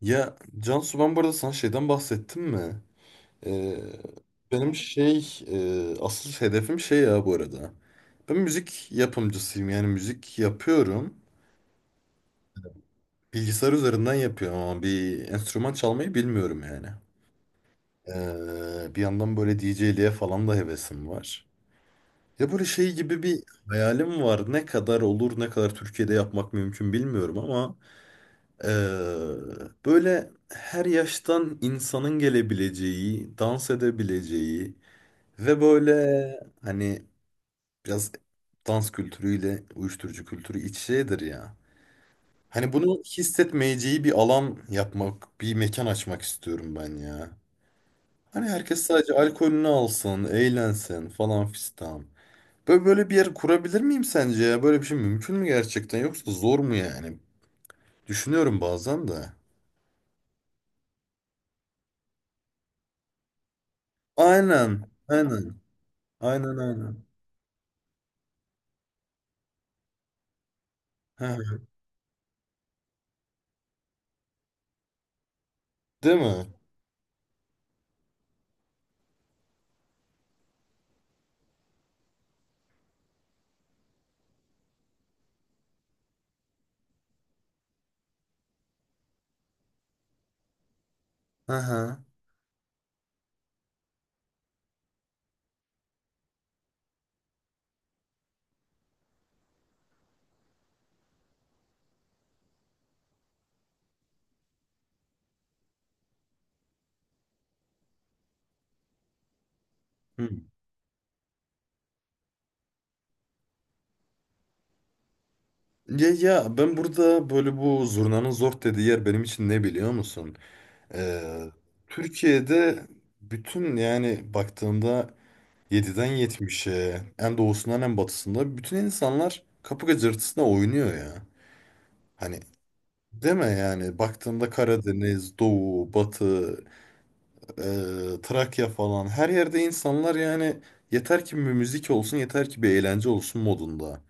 Ya Cansu ben bu arada sana şeyden bahsettim mi? Ee, benim şey asıl hedefim şey ya bu arada. Ben müzik yapımcısıyım yani müzik yapıyorum. Bilgisayar üzerinden yapıyorum ama bir enstrüman çalmayı bilmiyorum yani. Bir yandan böyle DJ'liğe falan da hevesim var. Ya böyle şey gibi bir hayalim var. Ne kadar olur, ne kadar Türkiye'de yapmak mümkün bilmiyorum ama Eee, böyle her yaştan insanın gelebileceği, dans edebileceği ve böyle hani biraz dans kültürüyle uyuşturucu kültürü iç şeydir ya. Hani bunu hissetmeyeceği bir alan yapmak, bir mekan açmak istiyorum ben ya. Hani herkes sadece alkolünü alsın, eğlensin falan fistan. Böyle böyle bir yer kurabilir miyim sence ya? Böyle bir şey mümkün mü gerçekten yoksa zor mu yani? Düşünüyorum bazen de. Aynen, aynen. Aynen aynen. Ha, değil mi? Aha. Hı. Ya ya ben burada böyle bu zurnanın zor dediği yer benim için ne biliyor musun? Ee, Türkiye'de bütün yani baktığında yediden yetmiş'e en doğusundan en batısında bütün insanlar kapı gıcırtısına oynuyor ya. Hani deme yani baktığında Karadeniz, Doğu, Batı, Trakya falan her yerde insanlar yani yeter ki bir müzik olsun yeter ki bir eğlence olsun modunda.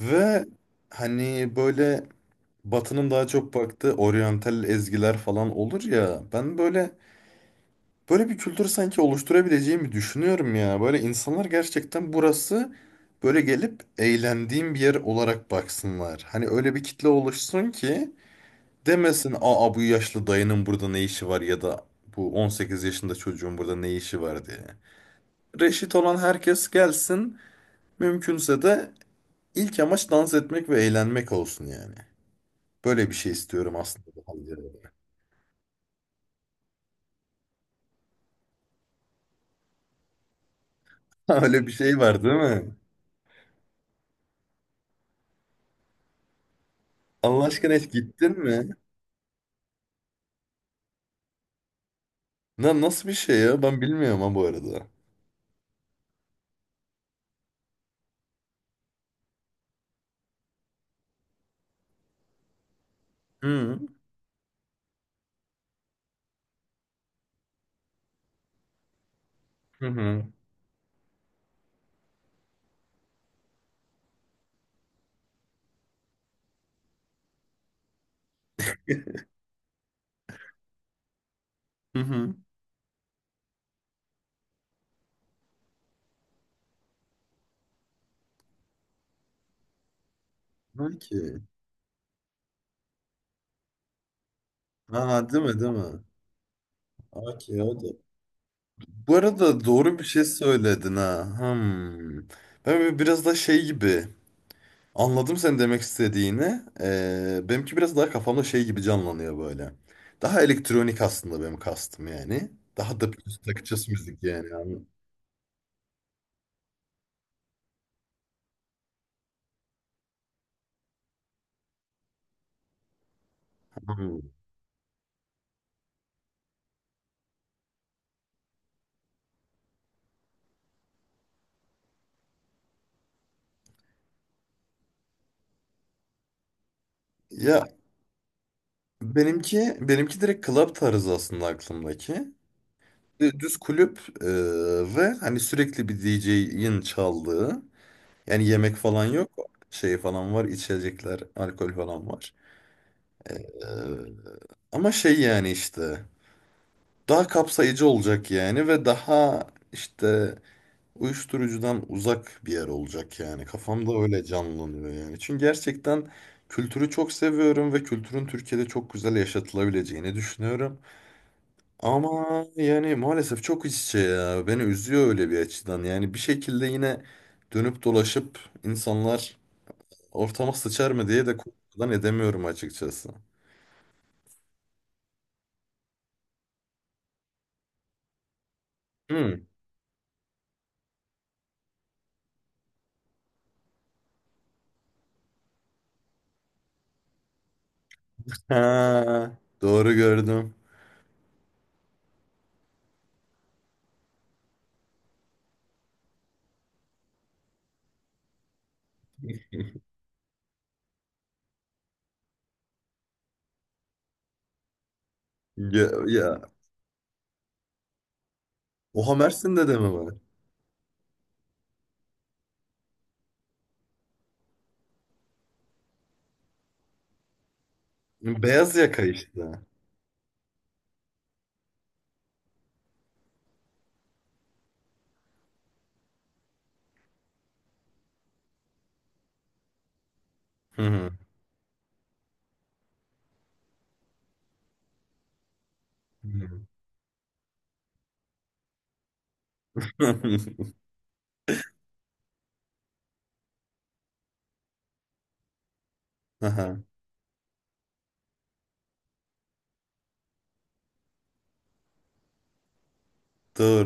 Ve hani böyle Batı'nın daha çok baktığı oryantal ezgiler falan olur ya. Ben böyle böyle bir kültür sanki oluşturabileceğimi düşünüyorum ya. Böyle insanlar gerçekten burası böyle gelip eğlendiğim bir yer olarak baksınlar. Hani öyle bir kitle oluşsun ki demesin aa bu yaşlı dayının burada ne işi var ya da bu 18 yaşında çocuğun burada ne işi var diye. Reşit olan herkes gelsin mümkünse de ilk amaç dans etmek ve eğlenmek olsun yani. Böyle bir şey istiyorum aslında. Daha ziyade. Öyle bir şey var değil mi? Allah aşkına hiç gittin mi? Nasıl bir şey ya? Ben bilmiyorum ha bu arada. Hı hı hı hı. Hı. Okey. Ha değil mi değil mi? Okey o da. Bu arada doğru bir şey söyledin ha. Hmm. Ben böyle biraz da şey gibi. Anladım senin demek istediğini. Benimki biraz daha kafamda şey gibi canlanıyor böyle. Daha elektronik aslında benim kastım yani. Daha da takıcısı müzik yani. Hmm. Ya benimki direkt club tarzı aslında aklımdaki. Düz kulüp ve hani sürekli bir DJ'in çaldığı. Yani yemek falan yok. Şey falan var, içecekler, alkol falan var. E, ama şey yani işte daha kapsayıcı olacak yani ve daha işte uyuşturucudan uzak bir yer olacak yani. Kafamda öyle canlanıyor yani. Çünkü gerçekten kültürü çok seviyorum ve kültürün Türkiye'de çok güzel yaşatılabileceğini düşünüyorum. Ama yani maalesef çok iç içe ya. Beni üzüyor öyle bir açıdan. Yani bir şekilde yine dönüp dolaşıp insanlar ortama sıçar mı diye de korkudan edemiyorum açıkçası. Hmm. Ha, doğru gördüm. Ya, ya. Oha Mersin'de de mi var? Beyaz yaka işte. Hı hı. Hı hı. Aha,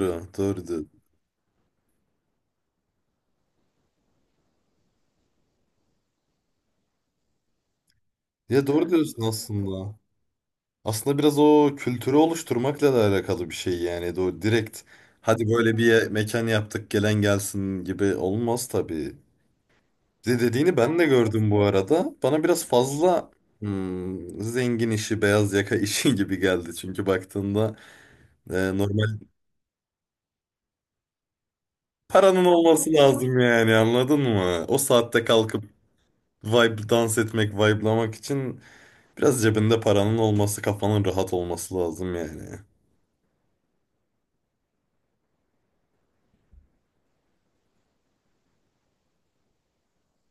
doğru, doğru diyor. Ya doğru diyorsun aslında. Aslında biraz o kültürü oluşturmakla da alakalı bir şey yani. Direkt hadi böyle bir mekan yaptık gelen gelsin gibi olmaz tabii. Dediğini ben de gördüm bu arada. Bana biraz fazla zengin işi, beyaz yaka işi gibi geldi. Çünkü baktığında normal paranın olması lazım yani anladın mı? O saatte kalkıp vibe dans etmek, vibe'lamak için biraz cebinde paranın olması, kafanın rahat olması lazım yani.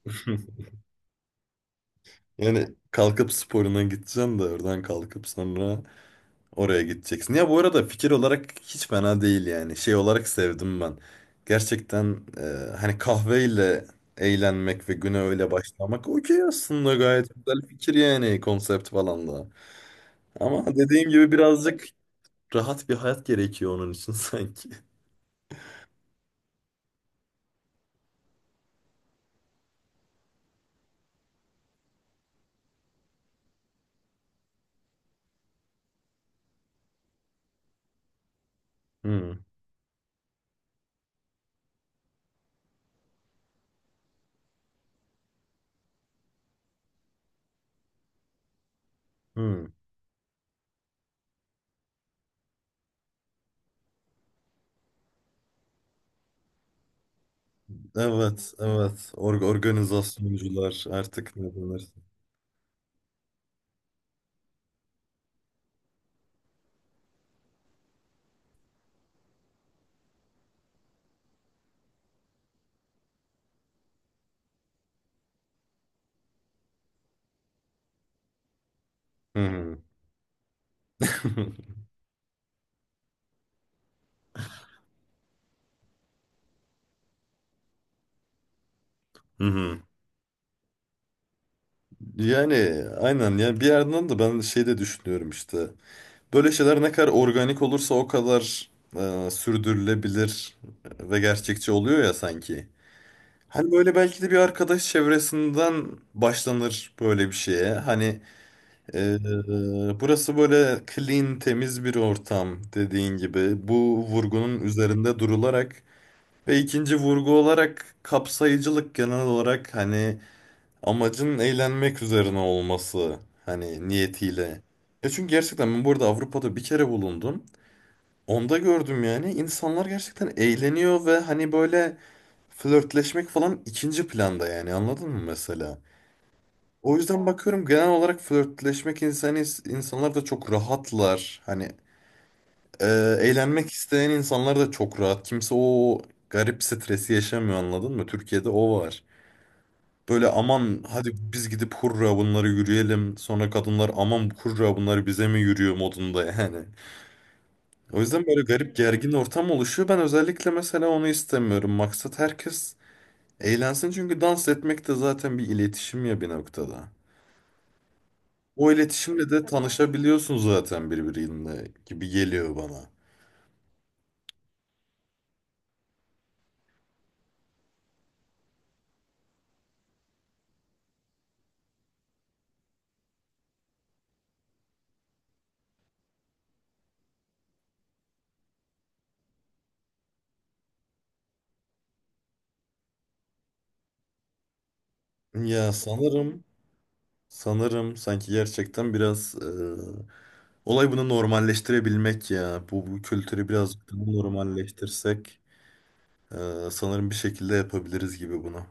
Yani kalkıp sporuna gideceksin de oradan kalkıp sonra oraya gideceksin. Ya bu arada fikir olarak hiç fena değil yani. Şey olarak sevdim ben. Gerçekten hani kahveyle eğlenmek ve güne öyle başlamak okey aslında gayet güzel fikir yani konsept falan da. Ama dediğim gibi birazcık rahat bir hayat gerekiyor onun için sanki. Hmm, hmm. Evet, evet. Organizasyoncular artık ne denir? Hı hı. Hı hı. Yani aynen yani bir yerden de ben şey de düşünüyorum işte. Böyle şeyler ne kadar organik olursa o kadar sürdürülebilir ve gerçekçi oluyor ya sanki. Hani böyle belki de bir arkadaş çevresinden başlanır böyle bir şeye. Hani burası böyle clean, temiz bir ortam dediğin gibi. Bu vurgunun üzerinde durularak ve ikinci vurgu olarak kapsayıcılık genel olarak hani amacın eğlenmek üzerine olması hani niyetiyle. Ya çünkü gerçekten ben burada Avrupa'da bir kere bulundum. Onda gördüm yani insanlar gerçekten eğleniyor ve hani böyle flörtleşmek falan ikinci planda yani anladın mı mesela? O yüzden bakıyorum genel olarak flörtleşmek insanı insanlar da çok rahatlar. Hani e, eğlenmek isteyen insanlar da çok rahat. Kimse o garip stresi yaşamıyor anladın mı? Türkiye'de o var. Böyle aman hadi biz gidip hurra bunları yürüyelim. Sonra kadınlar aman hurra bunlar bize mi yürüyor modunda yani. O yüzden böyle garip gergin ortam oluşuyor. Ben özellikle mesela onu istemiyorum. Maksat herkes eğlensin çünkü dans etmek de zaten bir iletişim ya bir noktada. O iletişimle de tanışabiliyorsun zaten birbiriyle gibi geliyor bana. Ya sanırım sanki gerçekten biraz olay bunu normalleştirebilmek ya. Bu kültürü biraz normalleştirsek. Sanırım bir şekilde yapabiliriz gibi bunu.